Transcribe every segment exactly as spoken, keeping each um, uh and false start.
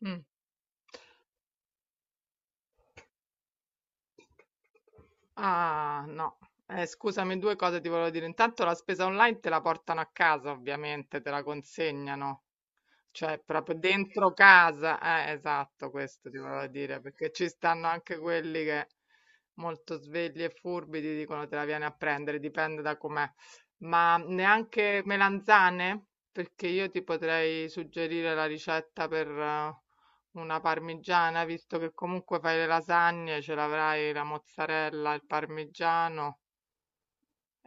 Mh. Ah, no. Eh, scusami, due cose ti volevo dire. Intanto la spesa online te la portano a casa ovviamente, te la consegnano. Cioè, proprio dentro casa, eh, esatto, questo ti volevo dire, perché ci stanno anche quelli che molto svegli e furbi ti dicono te la vieni a prendere, dipende da com'è. Ma neanche melanzane? Perché io ti potrei suggerire la ricetta per eh, una parmigiana, visto che comunque fai le lasagne, ce l'avrai la mozzarella, il parmigiano.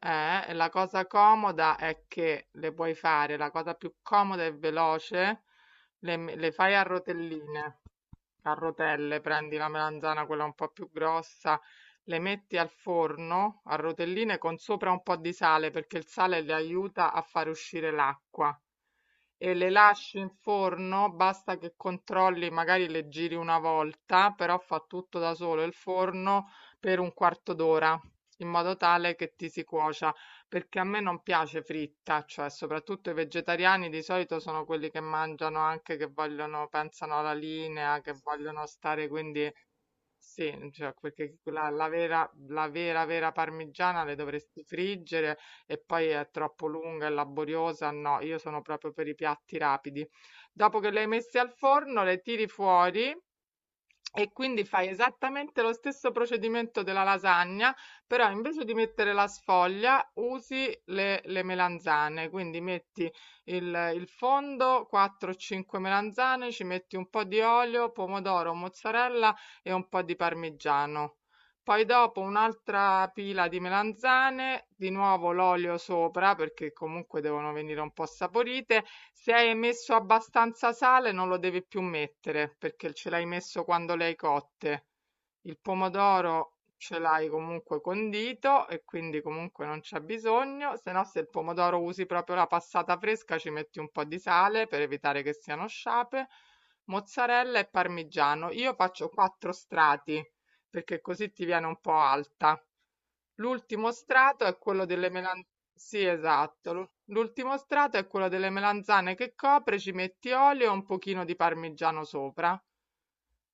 Eh, la cosa comoda è che le puoi fare, la cosa più comoda e veloce, le, le fai a rotelline, a rotelle, prendi la melanzana, quella un po' più grossa, le metti al forno a rotelline con sopra un po' di sale perché il sale le aiuta a far uscire l'acqua e le lasci in forno, basta che controlli, magari le giri una volta, però fa tutto da solo il forno per un quarto d'ora in modo tale che ti si cuocia, perché a me non piace fritta, cioè soprattutto i vegetariani di solito sono quelli che mangiano anche che vogliono, pensano alla linea, che vogliono stare quindi sì, cioè, perché la, la vera, la vera, vera parmigiana le dovresti friggere e poi è troppo lunga e laboriosa. No, io sono proprio per i piatti rapidi. Dopo che le hai messe al forno, le tiri fuori e quindi fai esattamente lo stesso procedimento della lasagna, però invece di mettere la sfoglia usi le, le melanzane. Quindi metti il, il fondo, quattro o cinque melanzane, ci metti un po' di olio, pomodoro, mozzarella e un po' di parmigiano. Poi dopo un'altra pila di melanzane, di nuovo l'olio sopra perché comunque devono venire un po' saporite. Se hai messo abbastanza sale non lo devi più mettere perché ce l'hai messo quando le hai cotte. Il pomodoro ce l'hai comunque condito e quindi comunque non c'è bisogno, se no se il pomodoro usi proprio la passata fresca ci metti un po' di sale per evitare che siano sciape, mozzarella e parmigiano. Io faccio quattro strati perché così ti viene un po' alta. L'ultimo strato è quello delle melan sì, esatto. l'u- L'ultimo strato è quello delle melanzane che copre, ci metti olio e un pochino di parmigiano sopra.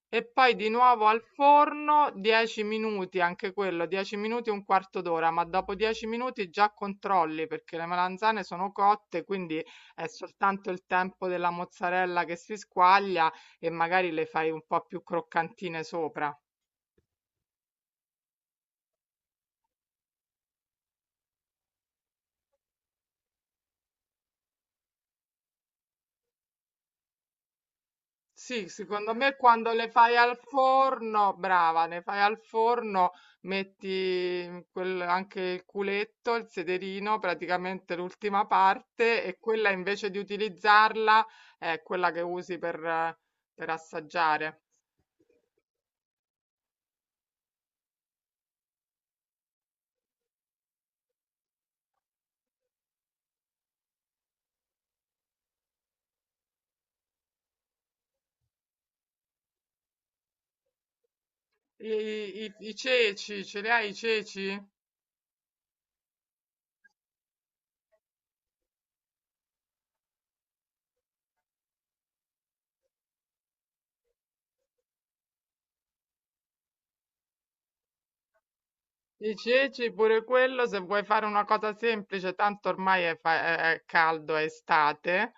E poi di nuovo al forno dieci minuti, anche quello, dieci minuti un quarto d'ora, ma dopo dieci minuti già controlli perché le melanzane sono cotte, quindi è soltanto il tempo della mozzarella che si squaglia e magari le fai un po' più croccantine sopra. Sì, secondo me quando le fai al forno, brava, ne fai al forno, metti quel- anche il culetto, il sederino, praticamente l'ultima parte, e quella invece di utilizzarla è quella che usi per, eh, per assaggiare. I, i- i ceci, ce li hai i ceci? I ceci, pure quello, se vuoi fare una cosa semplice, tanto ormai è, fa- è- è caldo, è estate.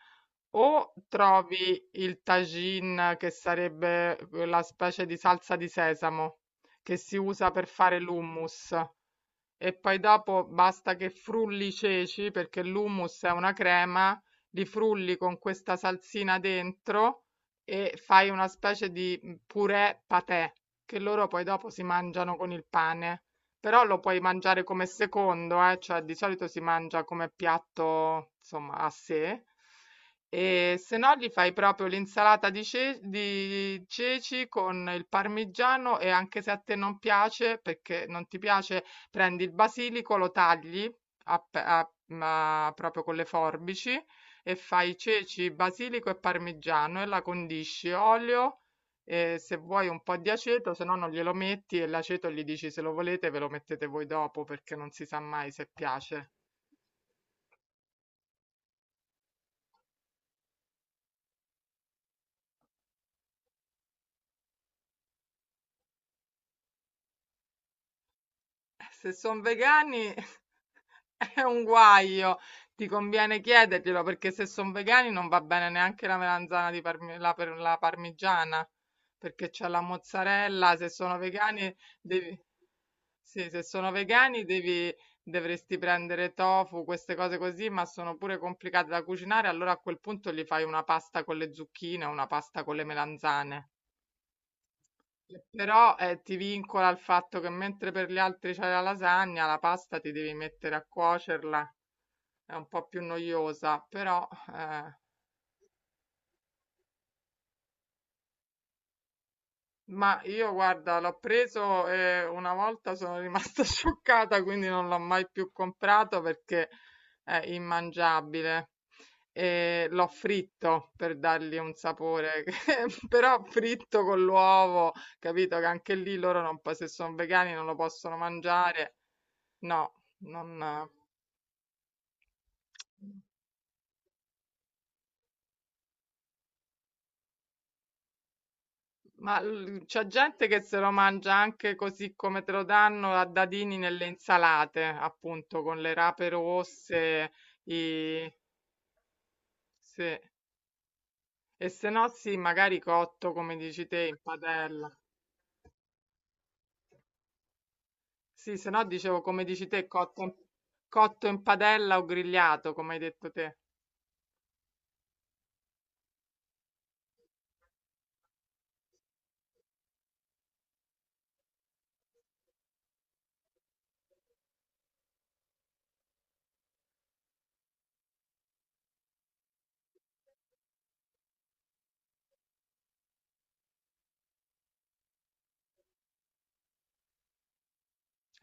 O trovi il tagine, che sarebbe eh, la specie di salsa di sesamo che si usa per fare l'hummus, e poi dopo basta che frulli i ceci, perché l'hummus è una crema, li frulli con questa salsina dentro e fai una specie di purè patè, che loro poi dopo si mangiano con il pane. Però lo puoi mangiare come secondo, eh, cioè di solito si mangia come piatto, insomma, a sé. E se no gli fai proprio l'insalata di, ce- di ceci con il parmigiano e anche se a te non piace, perché non ti piace, prendi il basilico, lo tagli a pe- a- ma proprio con le forbici e fai ceci, basilico e parmigiano e la condisci, olio e se vuoi un po' di aceto, se no non glielo metti e l'aceto gli dici se lo volete ve lo mettete voi dopo perché non si sa mai se piace. Se sono vegani è un guaio, ti conviene chiederglielo perché se sono vegani non va bene neanche la melanzana di parmi- la, per- la parmigiana perché c'è la mozzarella, se sono vegani devi... Sì, se sono vegani devi, dovresti prendere tofu, queste cose così, ma sono pure complicate da cucinare, allora a quel punto gli fai una pasta con le zucchine, una pasta con le melanzane. Però eh, ti vincola il fatto che mentre per gli altri c'è la lasagna, la pasta ti devi mettere a cuocerla, è un po' più noiosa, però eh, Ma io guarda, l'ho preso e una volta sono rimasta scioccata, quindi non l'ho mai più comprato perché è immangiabile. E l'ho fritto per dargli un sapore, che- però fritto con l'uovo, capito? Che anche lì loro non, po- se sono vegani non lo possono mangiare. No, non. Ma l- c'è gente che se lo mangia anche così come te lo danno a dadini nelle insalate, appunto, con le rape rosse, i- sì. E se no sì, magari cotto, come dici te, in padella. Sì, se no dicevo, come dici te, cotto in, cotto in padella o grigliato, come hai detto te.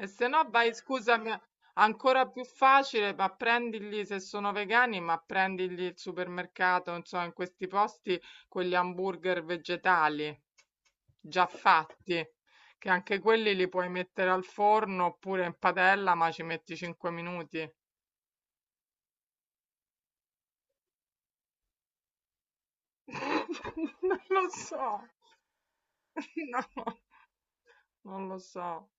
E se no vai, scusami, ancora più facile, ma prendigli se sono vegani, ma prendigli il supermercato, insomma, in questi posti quegli hamburger vegetali già fatti, che anche quelli li puoi mettere al forno oppure in padella, ma ci metti cinque minuti. Non lo so. No, non lo so.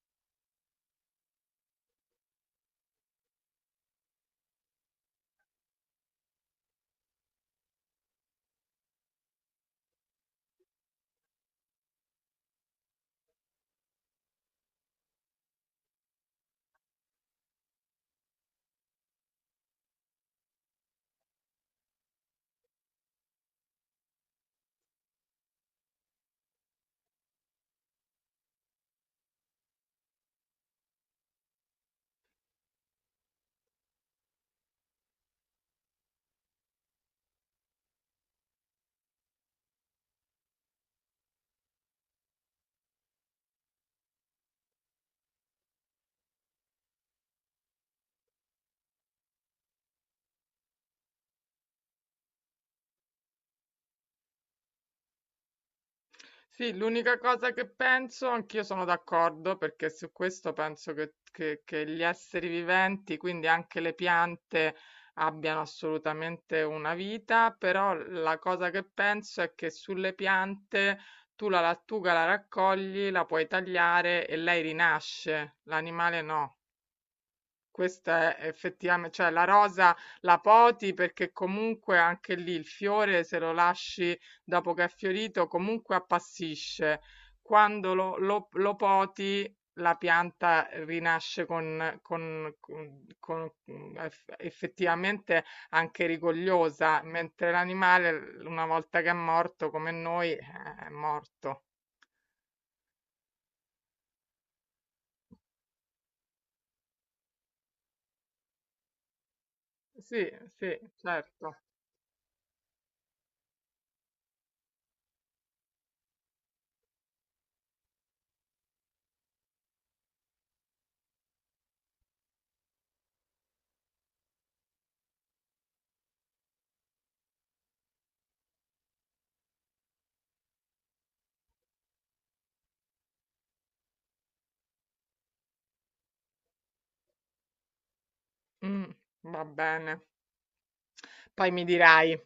Sì, l'unica cosa che penso, anch'io sono d'accordo, perché su questo penso che, che- che gli esseri viventi, quindi anche le piante, abbiano assolutamente una vita, però la cosa che penso è che sulle piante tu la lattuga la raccogli, la puoi tagliare e lei rinasce, l'animale no. Questa è effettivame cioè la rosa la poti perché comunque anche lì il fiore se lo lasci dopo che è fiorito comunque appassisce. Quando lo lo lo poti la pianta rinasce con con con con mhmm, eff effettivamente anche rigogliosa, mentre l'animale l una volta che è morto come noi, eh, è morto. Sì, sì, certo. Mh, va bene. Poi mi dirai.